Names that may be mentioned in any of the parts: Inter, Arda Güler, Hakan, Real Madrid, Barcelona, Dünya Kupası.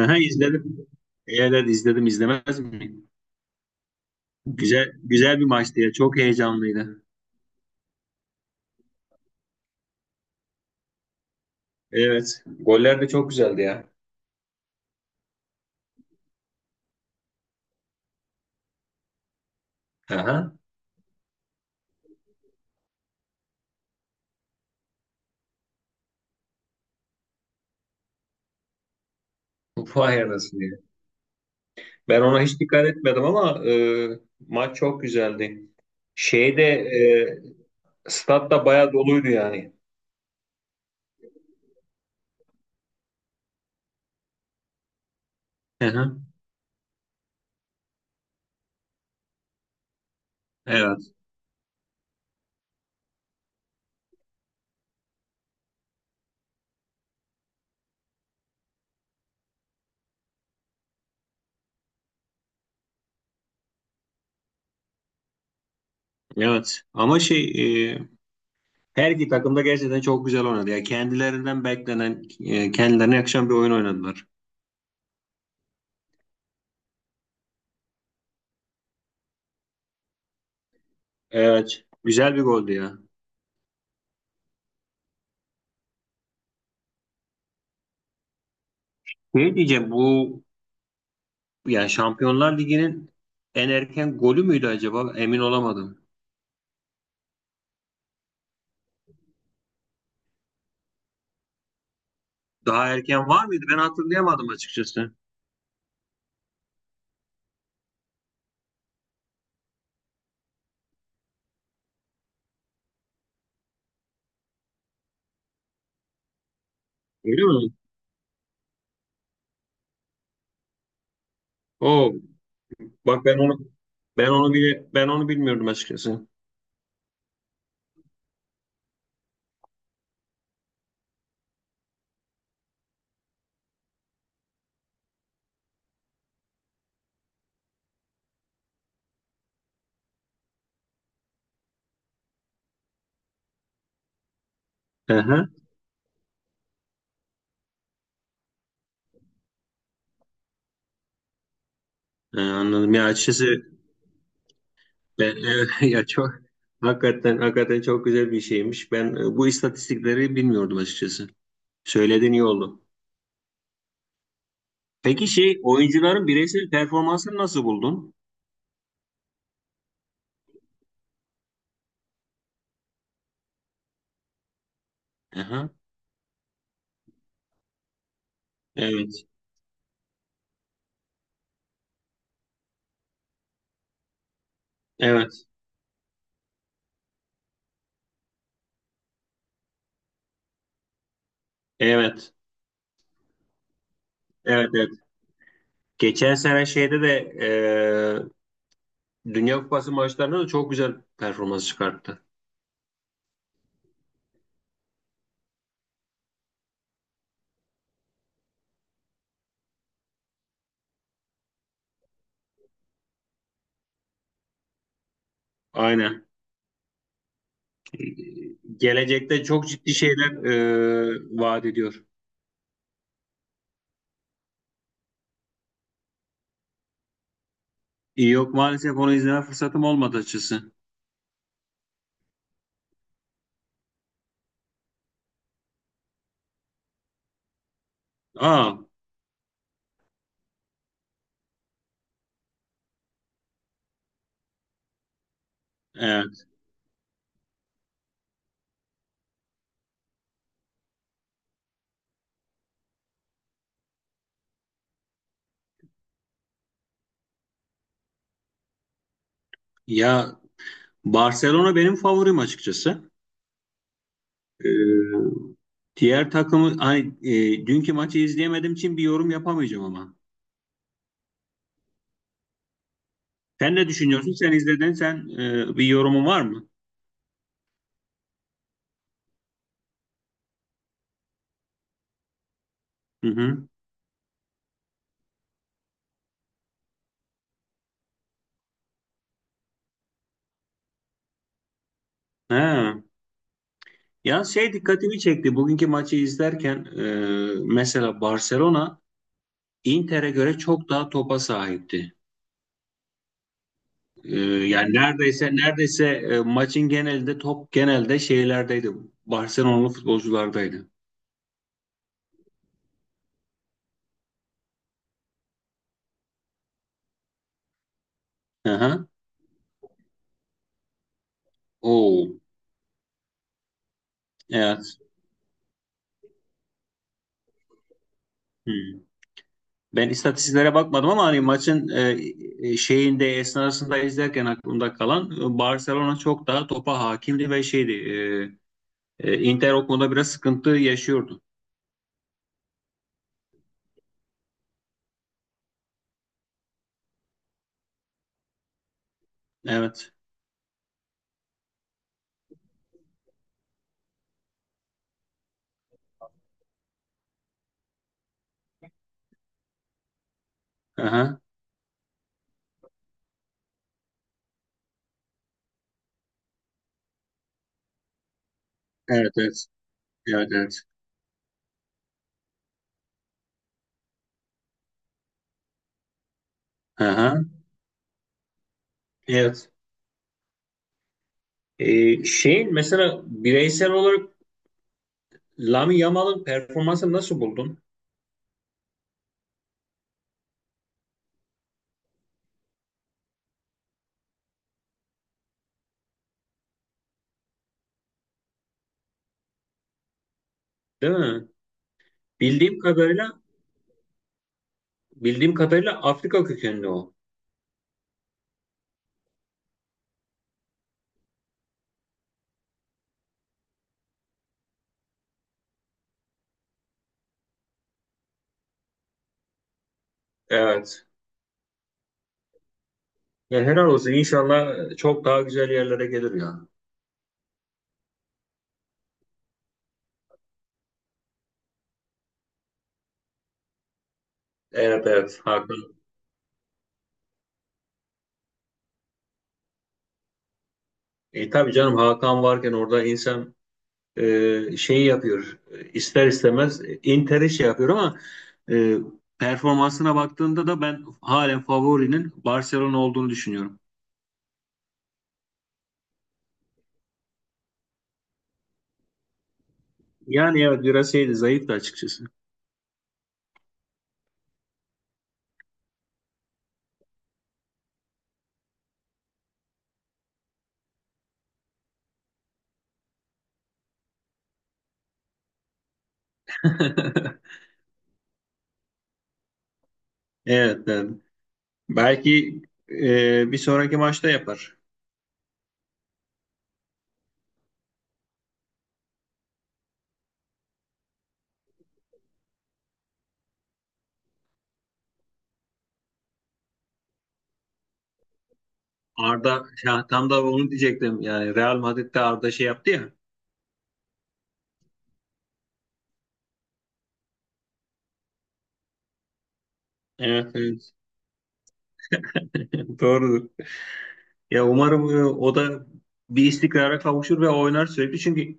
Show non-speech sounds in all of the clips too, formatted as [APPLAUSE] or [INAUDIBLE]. Aha, izledim. Evet izledim izlemez miyim? Güzel güzel bir maçtı ya. Çok heyecanlıydı. Evet. Goller de çok güzeldi ya. Aha. Vay anasını ya. Ben ona hiç dikkat etmedim ama maç çok güzeldi. Şeyde e, Stat da bayağı doluydu yani. Aha. Evet. Evet. Ama e, her iki takım da gerçekten çok güzel oynadı. Ya kendilerinden beklenen, kendilerine yakışan bir oyun oynadılar. Evet. Güzel bir goldü ya. Ne diyeceğim bu, yani Şampiyonlar Ligi'nin en erken golü müydü acaba? Emin olamadım. Daha erken var mıydı? Ben hatırlayamadım açıkçası. Öyle mi? Oo, bak ben onu bilmiyordum açıkçası. Hı hı. Anladım. Ya açıkçası ben [LAUGHS] evet, ya çok hakikaten çok güzel bir şeymiş. Ben bu istatistikleri bilmiyordum açıkçası. Söylediğin iyi oldu. Peki şey oyuncuların bireysel performansını nasıl buldun? Aha, evet. Evet. Evet. Evet. Evet. Geçen sene Dünya Kupası maçlarında da çok güzel performans çıkarttı. Aynen. Gelecekte çok ciddi şeyler vaat ediyor. Yok maalesef onu izleme fırsatım olmadı açıkçası. Aa, evet. Ya Barcelona benim favorim açıkçası. E, diğer takımı hani dünkü maçı izleyemediğim için bir yorum yapamayacağım ama. Sen ne düşünüyorsun? Sen izledin. Sen bir yorumun var mı? Hı hı. He. Ya şey dikkatimi çekti. Bugünkü maçı izlerken mesela Barcelona Inter'e göre çok daha topa sahipti. E, yani neredeyse maçın genelinde top genelde şeylerdeydi. Barcelona'lı futbolculardaydı. Hı hı. Oo. Evet. Hmm. Ben istatistiklere bakmadım ama hani maçın e, e, şeyinde esnasında izlerken aklımda kalan, Barcelona çok daha topa hakimdi ve şeydi. Inter o konuda biraz sıkıntı yaşıyordu. Evet. Aha. Evet, evet. Evet, evet. Aha. Evet. Şeyin mesela bireysel olarak Lamine Yamal'ın performansını nasıl buldun? Değil mi? Bildiğim kadarıyla bildiğim kadarıyla Afrika kökenli o. Evet. Ya helal olsun. İnşallah çok daha güzel yerlere gelir ya. Evet evet Hakan. E, tabii canım Hakan varken orada insan şeyi yapıyor. E, ister istemez Inter'i şey yapıyor ama e, performansına baktığında da ben halen favorinin Barcelona olduğunu düşünüyorum. Yani evet biraz şeydi, zayıftı açıkçası. [LAUGHS] Evet, evet. Belki bir sonraki maçta yapar. Arda ya, tam da onu diyecektim. Yani Real Madrid'de Arda şey yaptı ya. Evet, evet. [LAUGHS] Doğrudur. Ya umarım o da bir istikrara kavuşur ve oynar sürekli. Çünkü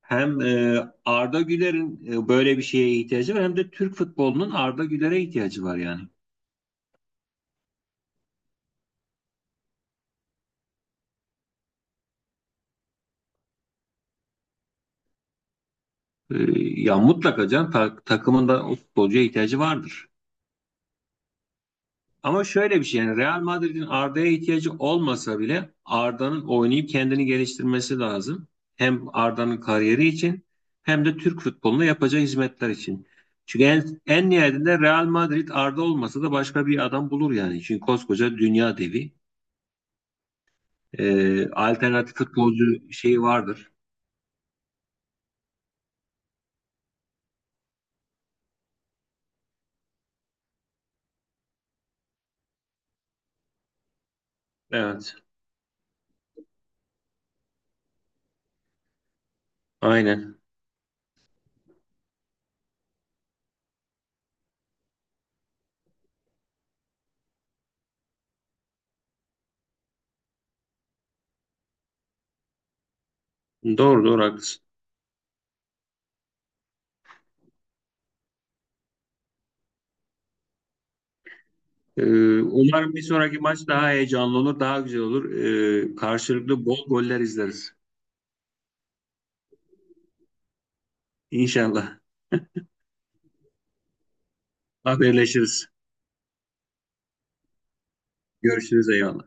hem Arda Güler'in, böyle bir şeye ihtiyacı var, hem de Türk futbolunun Arda Güler'e ihtiyacı var yani. E, ya mutlaka can takımın da o futbolcuya ihtiyacı vardır. Ama şöyle bir şey, yani Real Madrid'in Arda'ya ihtiyacı olmasa bile Arda'nın oynayıp kendini geliştirmesi lazım. Hem Arda'nın kariyeri için hem de Türk futboluna yapacağı hizmetler için. Çünkü en nihayetinde Real Madrid Arda olmasa da başka bir adam bulur yani. Çünkü koskoca dünya devi. Alternatif futbolcu şeyi vardır. Evet, aynen. Doğru, doğru haklısın. Umarım bir sonraki maç daha heyecanlı olur, daha güzel olur. Karşılıklı bol goller izleriz. İnşallah. Haberleşiriz. Görüşürüz, eyvallah.